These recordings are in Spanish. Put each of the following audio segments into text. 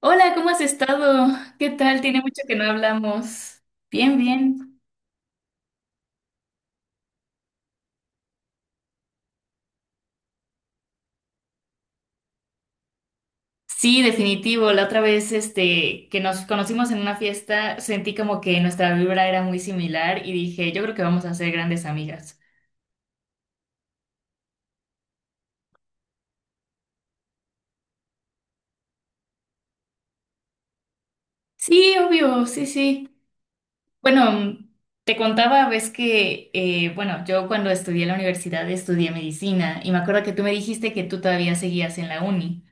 Hola, ¿cómo has estado? ¿Qué tal? Tiene mucho que no hablamos. Bien, bien. Sí, definitivo. La otra vez, este, que nos conocimos en una fiesta, sentí como que nuestra vibra era muy similar y dije, yo creo que vamos a ser grandes amigas. Sí, obvio, sí, sí. Bueno, te contaba, ves que, bueno, yo cuando estudié en la universidad estudié medicina y me acuerdo que tú me dijiste que tú todavía seguías en la uni.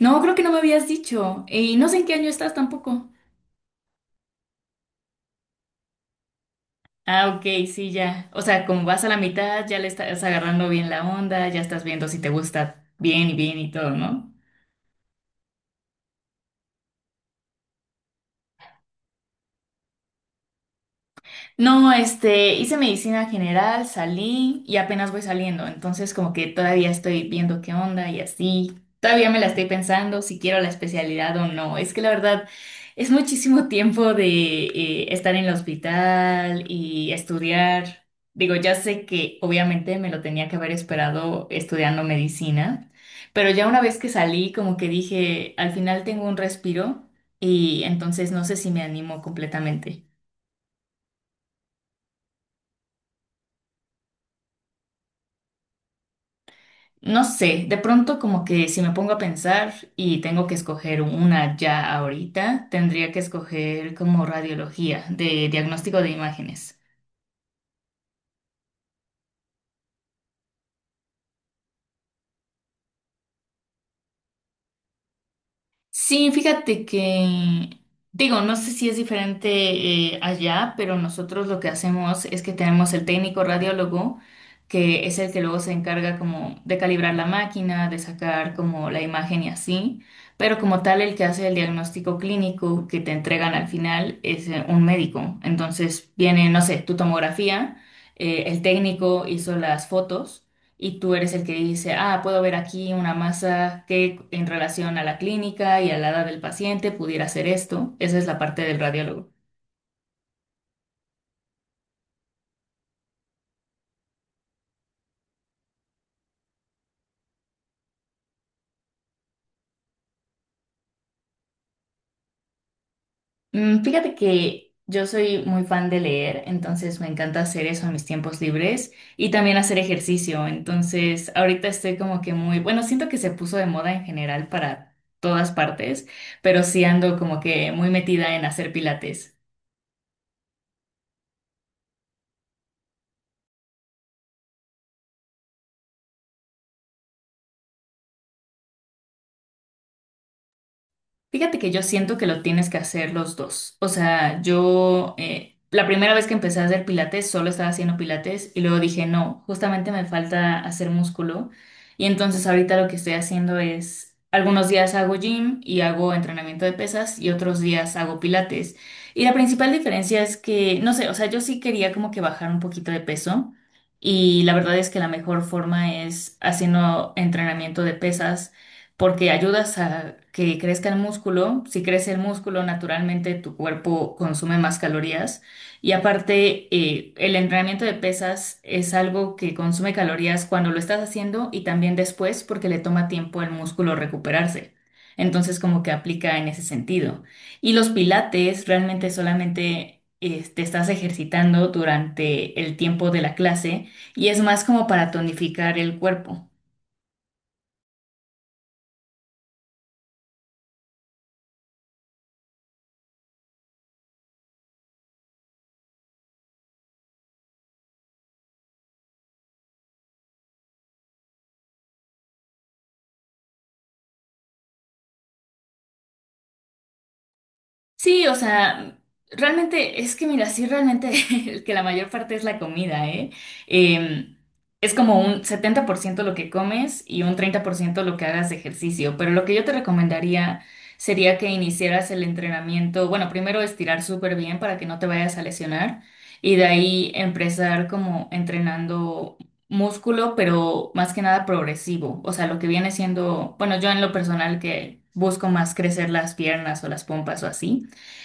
No, creo que no me habías dicho y no sé en qué año estás tampoco. Ah, ok, sí, ya. O sea, como vas a la mitad, ya le estás agarrando bien la onda, ya estás viendo si te gusta bien y bien y todo, ¿no? No, este, hice medicina general, salí y apenas voy saliendo, entonces como que todavía estoy viendo qué onda y así. Todavía me la estoy pensando si quiero la especialidad o no. Es que la verdad es muchísimo tiempo de estar en el hospital y estudiar. Digo, ya sé que obviamente me lo tenía que haber esperado estudiando medicina, pero ya una vez que salí como que dije, al final tengo un respiro y entonces no sé si me animo completamente. No sé, de pronto como que si me pongo a pensar y tengo que escoger una ya ahorita, tendría que escoger como radiología de diagnóstico de imágenes. Sí, fíjate que, digo, no sé si es diferente allá, pero nosotros lo que hacemos es que tenemos el técnico radiólogo, que es el que luego se encarga como de calibrar la máquina, de sacar como la imagen y así, pero como tal el que hace el diagnóstico clínico que te entregan al final es un médico. Entonces viene, no sé, tu tomografía, el técnico hizo las fotos y tú eres el que dice, ah, puedo ver aquí una masa que en relación a la clínica y a la edad del paciente pudiera hacer esto. Esa es la parte del radiólogo. Fíjate que yo soy muy fan de leer, entonces me encanta hacer eso en mis tiempos libres y también hacer ejercicio. Entonces, ahorita estoy como que muy, bueno, siento que se puso de moda en general para todas partes, pero sí ando como que muy metida en hacer pilates. Fíjate que yo siento que lo tienes que hacer los dos. O sea, yo la primera vez que empecé a hacer pilates solo estaba haciendo pilates y luego dije, no, justamente me falta hacer músculo. Y entonces ahorita lo que estoy haciendo es, algunos días hago gym y hago entrenamiento de pesas y otros días hago pilates. Y la principal diferencia es que, no sé, o sea, yo sí quería como que bajar un poquito de peso y la verdad es que la mejor forma es haciendo entrenamiento de pesas porque ayudas a que crezca el músculo. Si crece el músculo, naturalmente tu cuerpo consume más calorías. Y aparte, el entrenamiento de pesas es algo que consume calorías cuando lo estás haciendo y también después porque le toma tiempo al músculo recuperarse. Entonces, como que aplica en ese sentido. Y los pilates realmente solamente te estás ejercitando durante el tiempo de la clase y es más como para tonificar el cuerpo. Sí, o sea, realmente es que mira, sí, realmente que la mayor parte es la comida, ¿eh? Em, es como un 70% lo que comes y un 30% lo que hagas de ejercicio, pero lo que yo te recomendaría sería que iniciaras el entrenamiento, bueno, primero estirar súper bien para que no te vayas a lesionar y de ahí empezar como entrenando músculo, pero más que nada progresivo, o sea, lo que viene siendo, bueno, yo en lo personal que busco más crecer las piernas o las pompas o así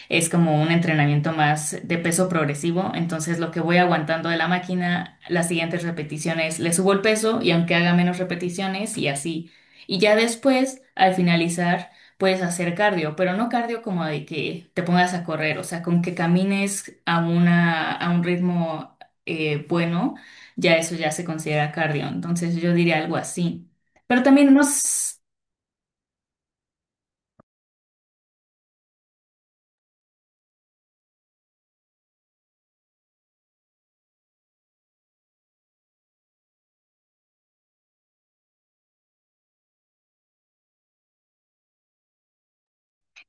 es como un entrenamiento más de peso progresivo, entonces lo que voy aguantando de la máquina, las siguientes repeticiones le subo el peso y aunque haga menos repeticiones y así. Y ya después, al finalizar, puedes hacer cardio, pero no cardio como de que te pongas a correr, o sea, con que camines a una, a un ritmo bueno, ya eso ya se considera cardio, entonces yo diría algo así. Pero también no, s-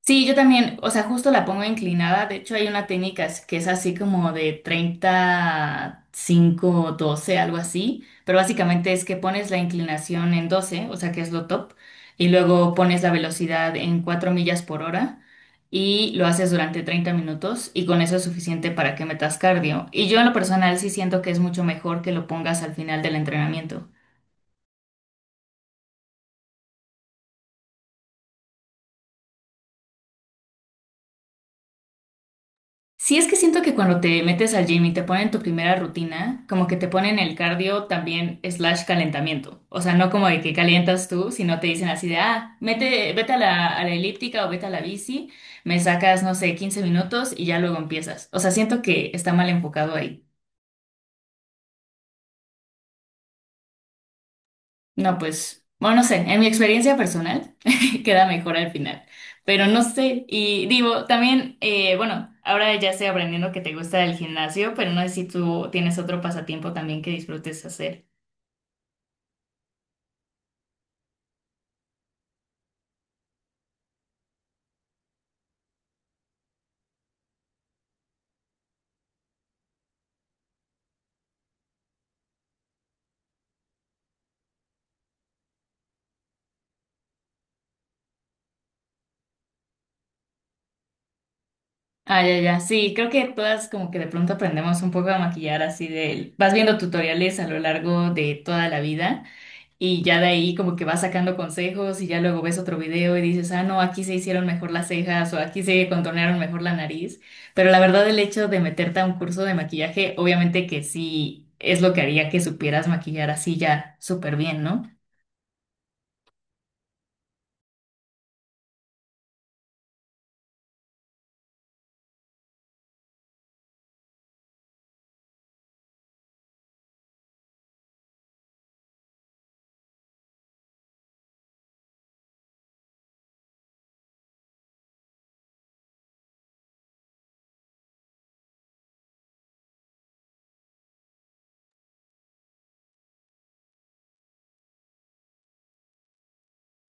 Sí, yo también, o sea, justo la pongo inclinada. De hecho, hay una técnica es- que es así como de 30 5 12, algo así. Pero básicamente es que pones la inclinación en 12, o sea, que es lo top, y luego pones la velocidad en 4 millas por hora y lo haces durante 30 minutos y con eso es suficiente para que metas cardio. Y yo en lo personal sí siento que es mucho mejor que lo pongas al final del entrenamiento. Sí, es que siento que cuando te metes al gym y te ponen tu primera rutina, como que te ponen el cardio también slash calentamiento. O sea, no como de que calientas tú, sino te dicen así de, ah, mete, vete a la elíptica o vete a la bici, me sacas, no sé, 15 minutos y ya luego empiezas. O sea, siento que está mal enfocado ahí. No, pues, bueno, no sé, en mi experiencia personal queda mejor al final, pero no sé, y digo, también, bueno, ahora ya estoy aprendiendo que te gusta el gimnasio, pero no sé si tú tienes otro pasatiempo también que disfrutes hacer. Ah, ya, ya, sí, creo que todas como que de pronto aprendemos un poco a maquillar así del, vas viendo tutoriales a lo largo de toda la vida. Y ya de ahí como que vas sacando consejos y ya luego ves otro video y dices, ah, no, aquí se hicieron mejor las cejas o aquí se contornearon mejor la nariz. Pero la verdad el hecho de meterte a un curso de maquillaje, obviamente que sí es lo que haría que supieras maquillar así ya súper bien, ¿no?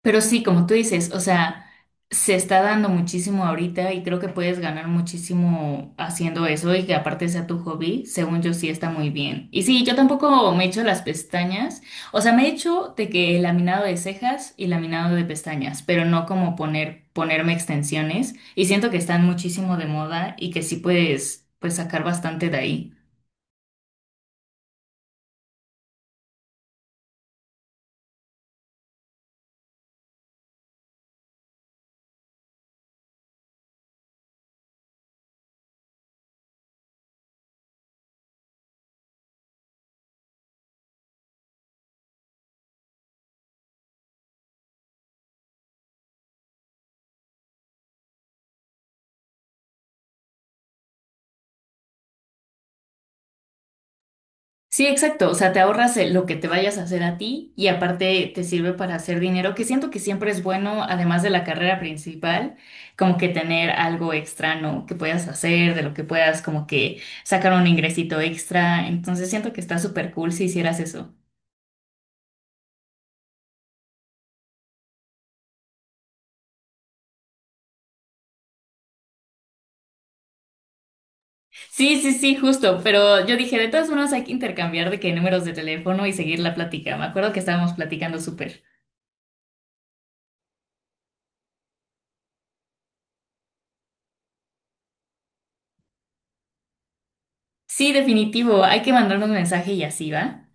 Pero sí, como tú dices, o sea, se está dando muchísimo ahorita y creo que puedes ganar muchísimo haciendo eso y que aparte sea tu hobby, según yo sí está muy bien. Y sí, yo tampoco me he hecho las pestañas, o sea, me he hecho de que laminado de cejas y laminado de pestañas, pero no como poner, ponerme extensiones y siento que están muchísimo de moda y que sí puedes, pues sacar bastante de ahí. Sí, exacto. O sea, te ahorras lo que te vayas a hacer a ti y aparte te sirve para hacer dinero, que siento que siempre es bueno, además de la carrera principal, como que tener algo extra, ¿no? Que puedas hacer, de lo que puedas como que sacar un ingresito extra. Entonces siento que está súper cool si hicieras eso. Sí, sí, sí, justo. Pero yo dije, de todas formas hay que intercambiar de qué números de teléfono y seguir la plática. Me acuerdo que estábamos platicando súper. Sí, definitivo. Hay que mandarnos mensaje y así, ¿va?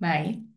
Bye.